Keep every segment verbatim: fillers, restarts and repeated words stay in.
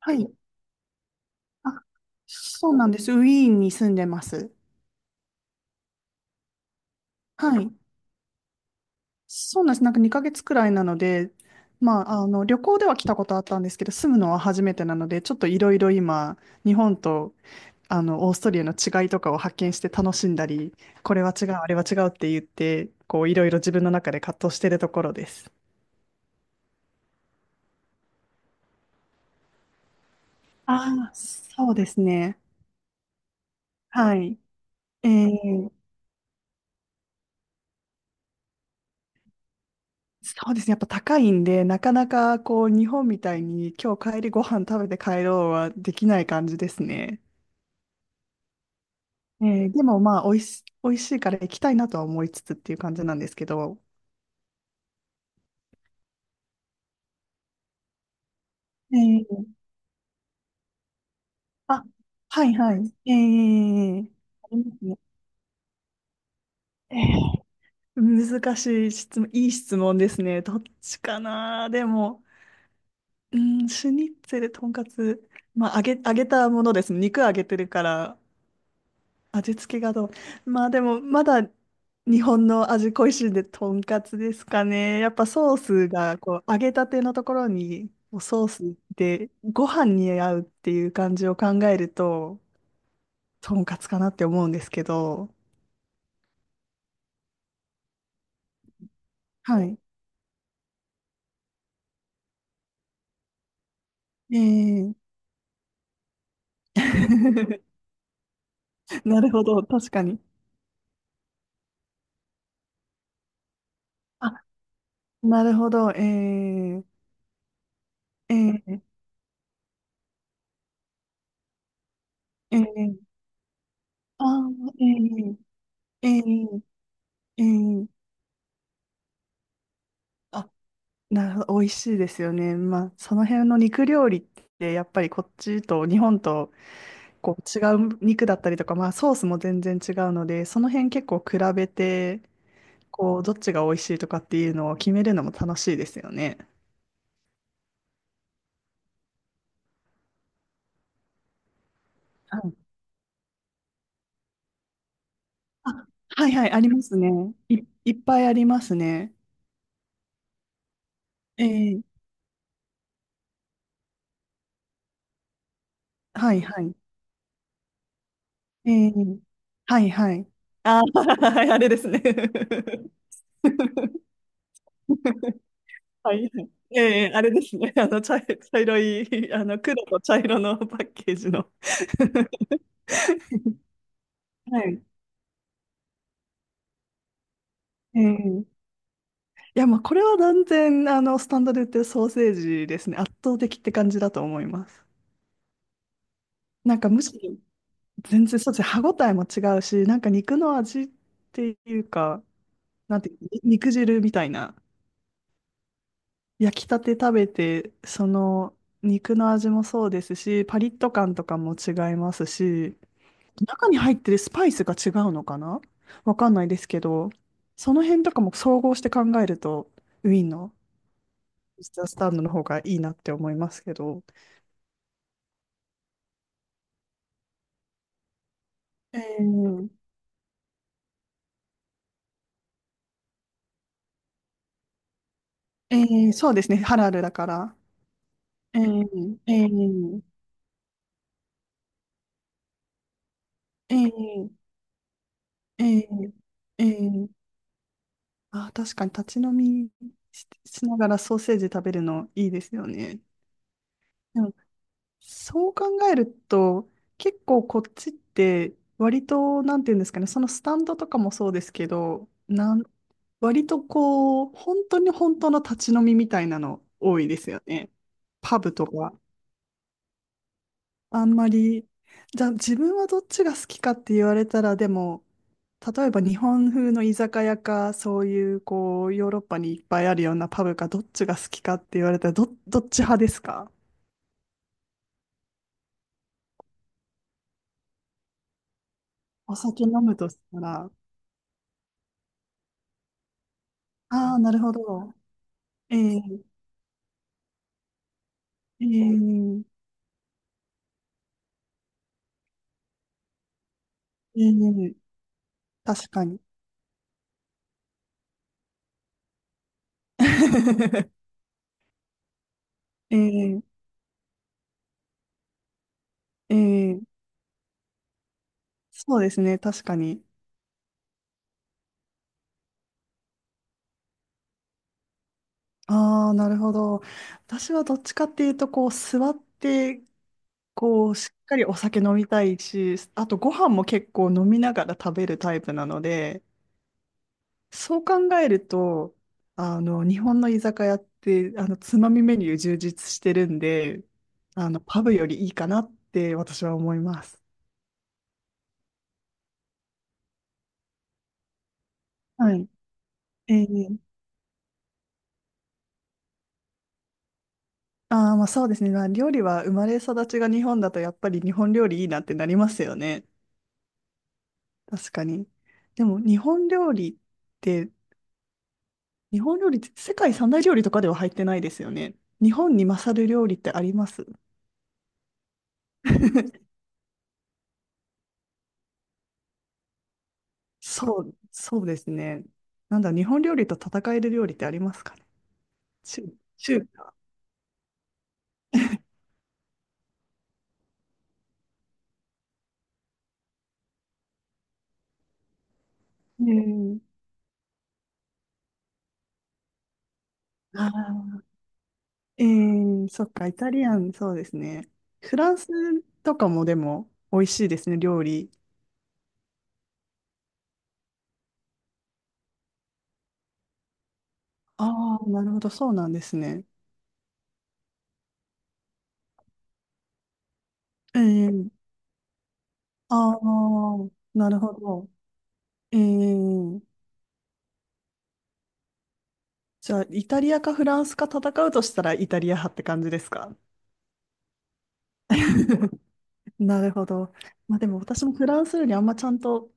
はい。あ、そうなんです。ウィーンに住んでます。はい。そうなんです。なんかにかげつくらいなので、まあ、あの、旅行では来たことあったんですけど、住むのは初めてなので、ちょっといろいろ今、日本と、あの、オーストリアの違いとかを発見して楽しんだり、これは違う、あれは違うって言って、こう、いろいろ自分の中で葛藤してるところです。ああ、そうですね。はい。えーそうですね。やっぱ高いんで、なかなかこう日本みたいに今日帰りご飯食べて帰ろうはできない感じですね。えーでもまあ、おいし、美味しいから行きたいなとは思いつつっていう感じなんですけど。えーあ、はいはい。えー、ありますね。えー難しい質問、いい質問ですね。どっちかな。でも、うん、シュニッツェル、とんかつ、まあ、揚げ、揚げたものですね。肉揚げてるから、味付けがどう。まあでも、まだ日本の味恋しいんで、とんかつですかね。やっぱソースが、こう、揚げたてのところに、こうソースでご飯に合うっていう感じを考えると、とんかつかなって思うんですけど。はい。ええ。 なるほど、確かに。あ、なるほど、ええええええ。あー、ええええええ。あ、なるほど、美味しいですよね。まあ、その辺の肉料理って、やっぱりこっちと日本とこう違う肉だったりとか、まあ、ソースも全然違うので、その辺結構比べて、こう、どっちが美味しいとかっていうのを決めるのも楽しいですよね。はい。あ、はいはい、ありますね。い、いっぱいありますね。ええ。はいはい。ええ。はいはい。あー、あれですね。はい。ええ、あれですね。あの、茶、茶色い、あの、黒と茶色のパッケージの。はい。ええ。いや、まあ、これは断然、あの、スタンドで売ってるソーセージですね。圧倒的って感じだと思います。なんか、むしろ、全然、そうですね。歯ごたえも違うし、なんか肉の味っていうか、なんていう、肉汁みたいな。焼きたて食べて、その、肉の味もそうですし、パリッと感とかも違いますし、中に入ってるスパイスが違うのかな。わかんないですけど、その辺とかも総合して考えると、ウィーンのミスタースタンドの方がいいなって思いますけど。えー、えーそうですね、ハラルだから。えー、えー、えー、えー、えー、あ、確かに立ち飲みし、しながらソーセージ食べるのいいですよね。でもそう考えると、結構こっちって割と、なんていうんですかね、そのスタンドとかもそうですけど、なん、割とこう、本当に本当の立ち飲みみたいなの多いですよね。パブとか。あんまり、じゃあ自分はどっちが好きかって言われたら、でも、例えば日本風の居酒屋か、そういうこう、ヨーロッパにいっぱいあるようなパブか、どっちが好きかって言われたら、ど、どっち派ですか？お酒飲むとしたら。ああ、なるほど。ええ、ええ、ええ、確かに。ええ、ええ、そうですね、確かに。ああ、なるほど。私はどっちかっていうと、こう、座って、こう、しっかりお酒飲みたいし、あとご飯も結構飲みながら食べるタイプなので、そう考えると、あの、日本の居酒屋って、あの、つまみメニュー充実してるんで、あの、パブよりいいかなって私は思います。はい。ええ。ああ、まあそうですね。まあ、料理は生まれ育ちが日本だとやっぱり日本料理いいなってなりますよね。確かに。でも日本料理って、日本料理って世界三大料理とかでは入ってないですよね。日本に勝る料理ってあります？ そう、そうですね。なんだ、日本料理と戦える料理ってありますかね。中、中華。えー、あーえー、そっか、イタリアン、そうですね。フランスとかもでも美味しいですね、料理。ああ、なるほど、そうなんですね。ええ。ああ、なるほど。ええ。じゃあ、イタリアかフランスか戦うとしたらイタリア派って感じですか？ なるほど。まあでも私もフランス料理あんまちゃんと、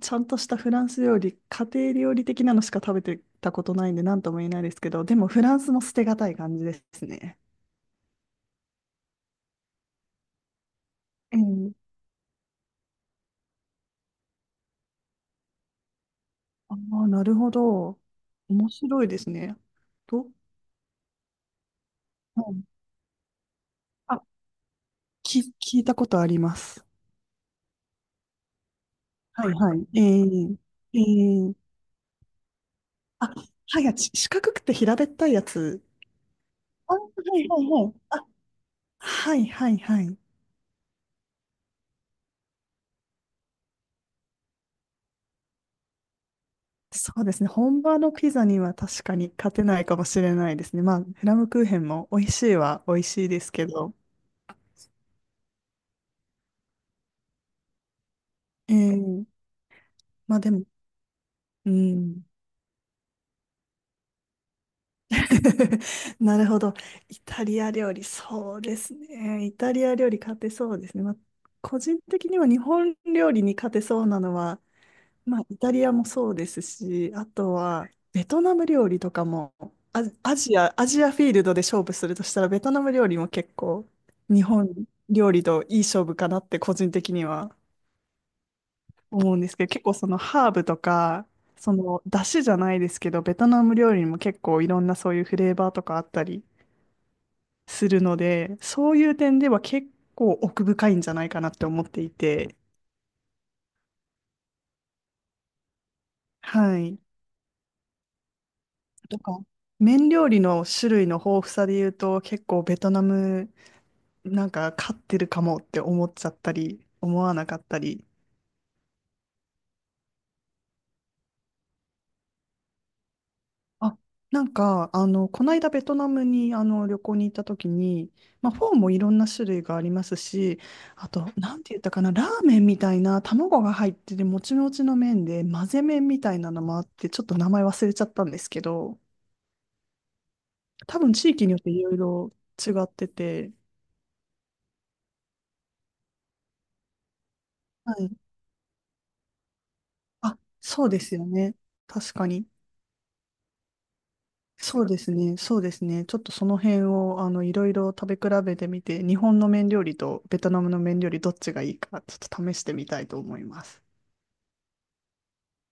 ちゃんと、したフランス料理、家庭料理的なのしか食べてたことないんで何とも言えないですけど、でもフランスも捨てがたい感じですね。ええ。ああ、なるほど。面白いですね。と、うん。あ、き、聞いたことあります。はいはい。ええええ。あ、はい、あち四角くて平べったいやつ。あ、はいはいはい。あ、はいはいはい。そうですね。本場のピザには確かに勝てないかもしれないですね。まあ、フラムクーヘンも美味しいは美味しいですけど。ええ。まあでも、うん。なるほど。イタリア料理、そうですね。イタリア料理勝てそうですね。まあ、個人的には日本料理に勝てそうなのは、まあ、イタリアもそうですし、あとはベトナム料理とかも、ア、アジア、アジアフィールドで勝負するとしたら、ベトナム料理も結構、日本料理といい勝負かなって個人的には思うんですけど、結構そのハーブとか、その出汁じゃないですけど、ベトナム料理にも結構いろんなそういうフレーバーとかあったりするので、そういう点では結構奥深いんじゃないかなって思っていて、はい。とか、麺料理の種類の豊富さで言うと、結構ベトナムなんか勝ってるかもって思っちゃったり、思わなかったり。あ、なんか、あの、この間ベトナムにあの旅行に行った時に、まあ、フォーもいろんな種類がありますし、あと、なんて言ったかな、ラーメンみたいな卵が入ってて、もちもちの麺で、混ぜ麺みたいなのもあって、ちょっと名前忘れちゃったんですけど、多分地域によっていろいろ違ってて、はい。あ、そうですよね。確かに。そうですね。そうですね。ちょっとその辺を、あの、いろいろ食べ比べてみて、日本の麺料理とベトナムの麺料理どっちがいいか、ちょっと試してみたいと思います。